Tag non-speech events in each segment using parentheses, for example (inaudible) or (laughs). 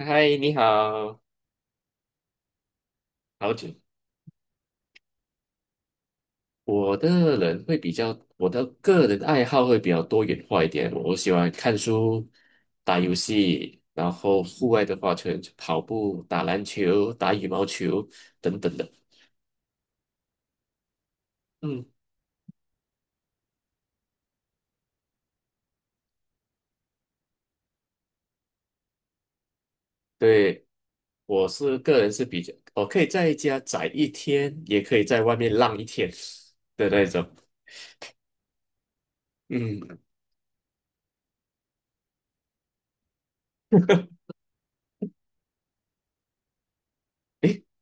嗨，你好，好久。我的个人爱好会比较多元化一点。我喜欢看书、打游戏，然后户外的话，就跑步、打篮球、打羽毛球等等的。嗯，对，我是个人是比较，我可以在家宅一天，也可以在外面浪一天的那种。嗯，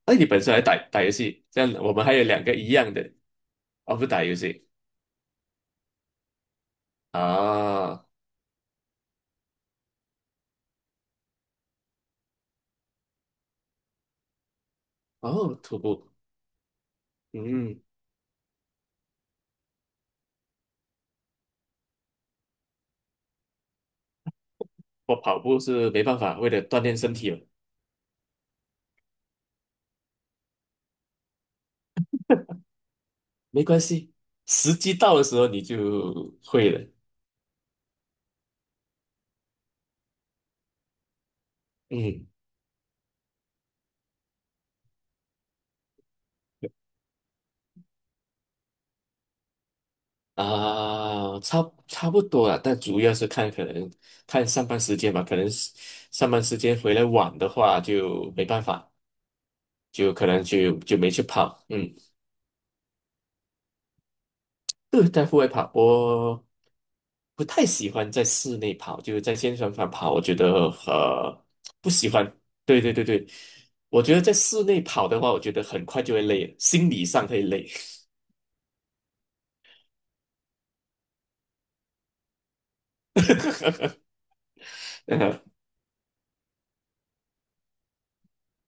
那你本身还打打游戏，这样我们还有两个一样的，哦，不打游戏啊。哦，徒步，嗯，我跑步是没办法，为了锻炼身体嘛，没关系，时机到的时候你就会了，嗯，啊，差不多了，但主要是看可能看上班时间吧，可能是上班时间回来晚的话就没办法，就可能就没去跑，嗯。对，在户外跑，我不太喜欢在室内跑，就是在健身房跑，我觉得不喜欢。对对对对，我觉得在室内跑的话，我觉得很快就会累了，心理上会累。(laughs) 呃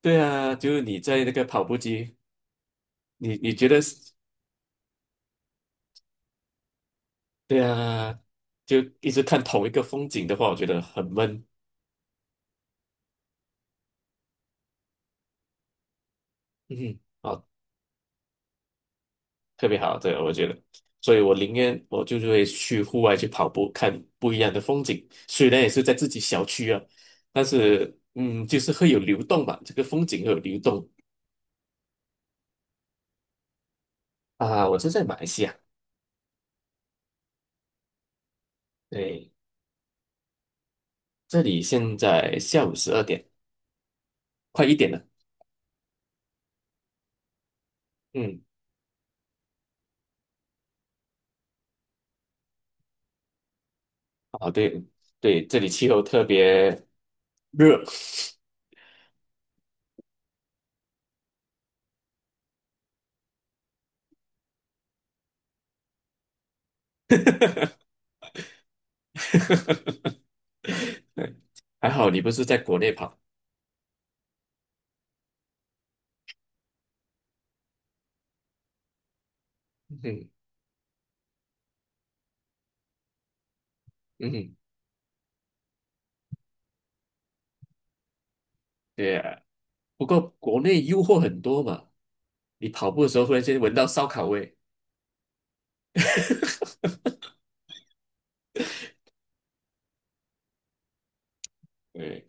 对啊，就是你在那个跑步机，你觉得是对啊，就一直看同一个风景的话，我觉得很闷。嗯，好。特别好，对，我觉得，所以我宁愿我就是会去户外去跑步，看不一样的风景。虽然也是在自己小区啊，但是就是会有流动吧，这个风景会有流动啊。我是在马来西亚，对，这里现在下午12点，快一点了。嗯，啊，对对，这里气候特别热，(laughs) 还好你不是在国内跑。嗯嗯，对啊，不过国内诱惑很多嘛。你跑步的时候忽然间闻到烧烤味，(laughs) 对，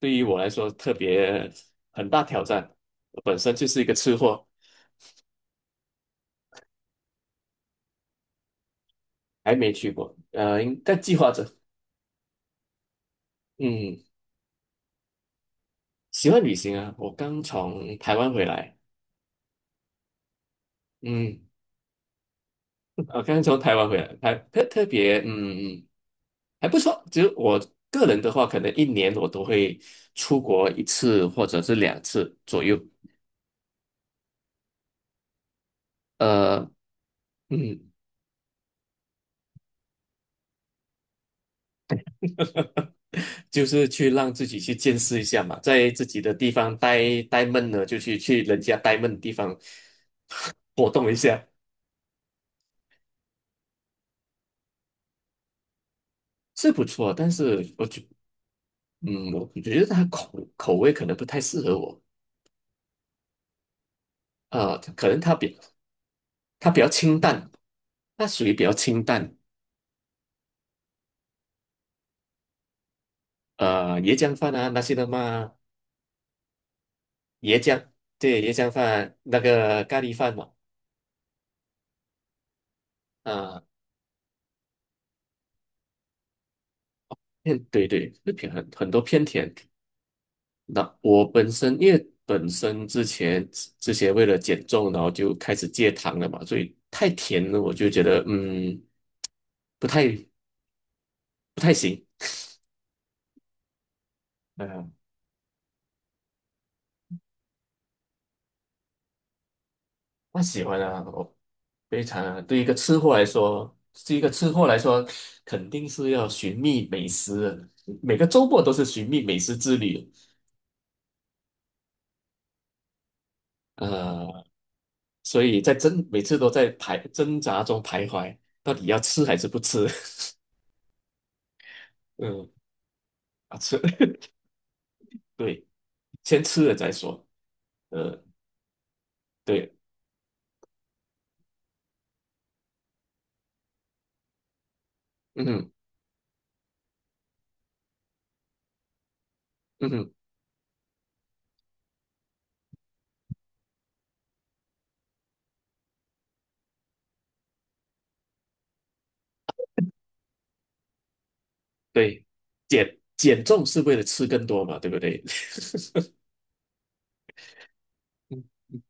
对于我来说特别很大挑战。我本身就是一个吃货，还没去过，应该计划着。嗯，喜欢旅行啊，我刚从台湾回来，嗯，还特别，嗯，还不错。只有我个人的话，可能一年我都会出国一次或者是两次左右。呃，嗯，就是去让自己去见识一下嘛，在自己的地方呆闷了，就去人家呆闷的地方活动一下，是不错。但是我觉得它口味可能不太适合我，啊，可能它比较清淡，它属于比较清淡，椰浆饭啊那些的嘛，椰浆，对，椰浆饭那个咖喱饭嘛，啊、偏对对，会偏很多偏甜，那我本身因为本身之前为了减重，然后就开始戒糖了嘛，所以太甜了，我就觉得不太不太行，嗯，不喜欢啊，我非常啊对一个吃货来说，对一个吃货来说，肯定是要寻觅美食的，每个周末都是寻觅美食之旅，呃，所以每次都在挣扎中徘徊，到底要吃还是不吃？(laughs) 嗯，啊吃，(laughs) 对，先吃了再说。呃，对，嗯哼嗯哼对，减重是为了吃更多嘛，对不对？(laughs) 嗯嗯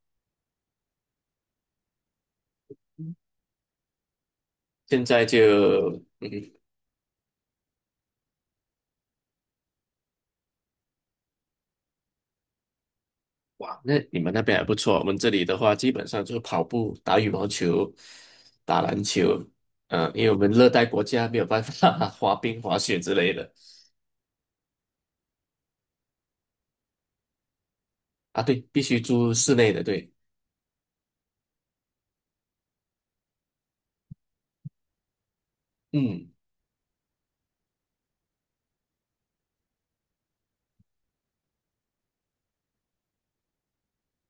嗯现在就，嗯，哇，那你们那边还不错。我们这里的话，基本上就是跑步、打羽毛球、打篮球，因为我们热带国家没有办法 (laughs) 滑冰、滑雪之类的啊。对，必须住室内的，对，嗯，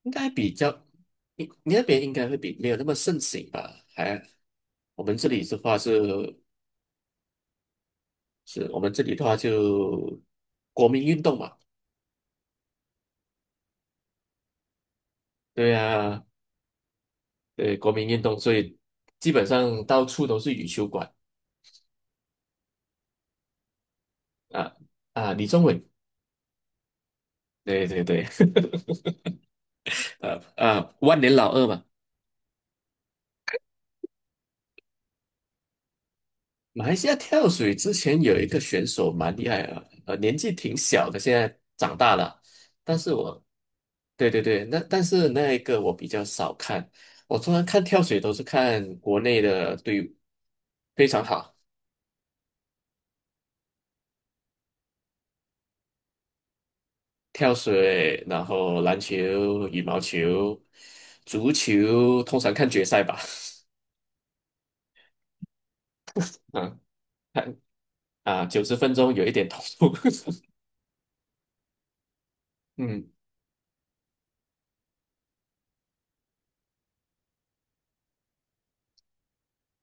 应该比较，你那边应该会比没有那么盛行吧？我们这里的话是是我们这里的话就国民运动嘛，对呀，对国民运动，所以基本上到处都是羽球馆啊啊，李宗伟，对对对，(laughs) 万年老二嘛。马来西亚跳水之前有一个选手蛮厉害啊，年纪挺小的，现在长大了，但是我，对对对，那但是那一个我比较少看，我通常看跳水都是看国内的队伍，非常好。跳水，然后篮球、羽毛球、足球，通常看决赛吧。(laughs) 嗯，看啊，90分钟有一点投入。(laughs) 嗯，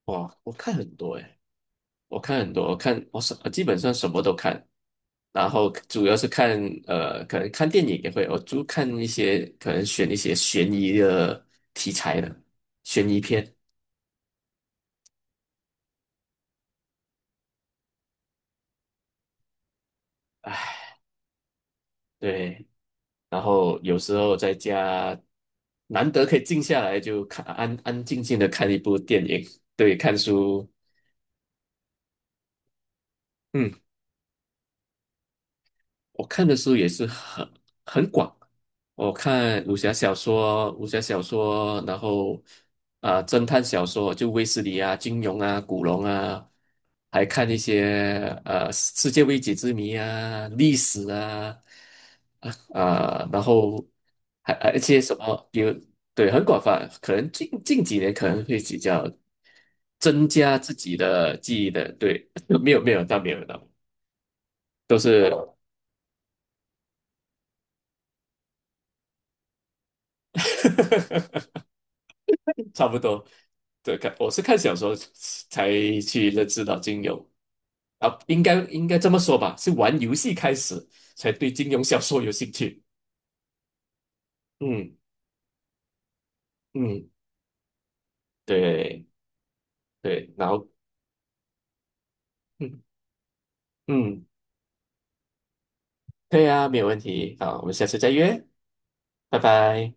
哇，我看很多诶，我看我什基本上什么都看，然后主要是看可能看电影也会，我就看一些可能选一些悬疑的题材的悬疑片。对，然后有时候在家难得可以静下来，就看安安静静的看一部电影，对，看书，嗯。我看的书也是很广，我看武侠小说，然后啊、侦探小说，就卫斯理啊、金庸啊、古龙啊，还看一些世界未解之谜啊、历史啊啊啊然后还一些什么，对很广泛，可能近几年可能会比较增加自己的记忆的，对，(laughs) 没有没有，到没有是，呵呵都是 (laughs)。差不多。对，看我是看小说才去认识到金庸啊，应该这么说吧，是玩游戏开始才对金庸小说有兴趣。嗯嗯，对对，嗯嗯，对啊，没有问题。好，我们下次再约，拜拜。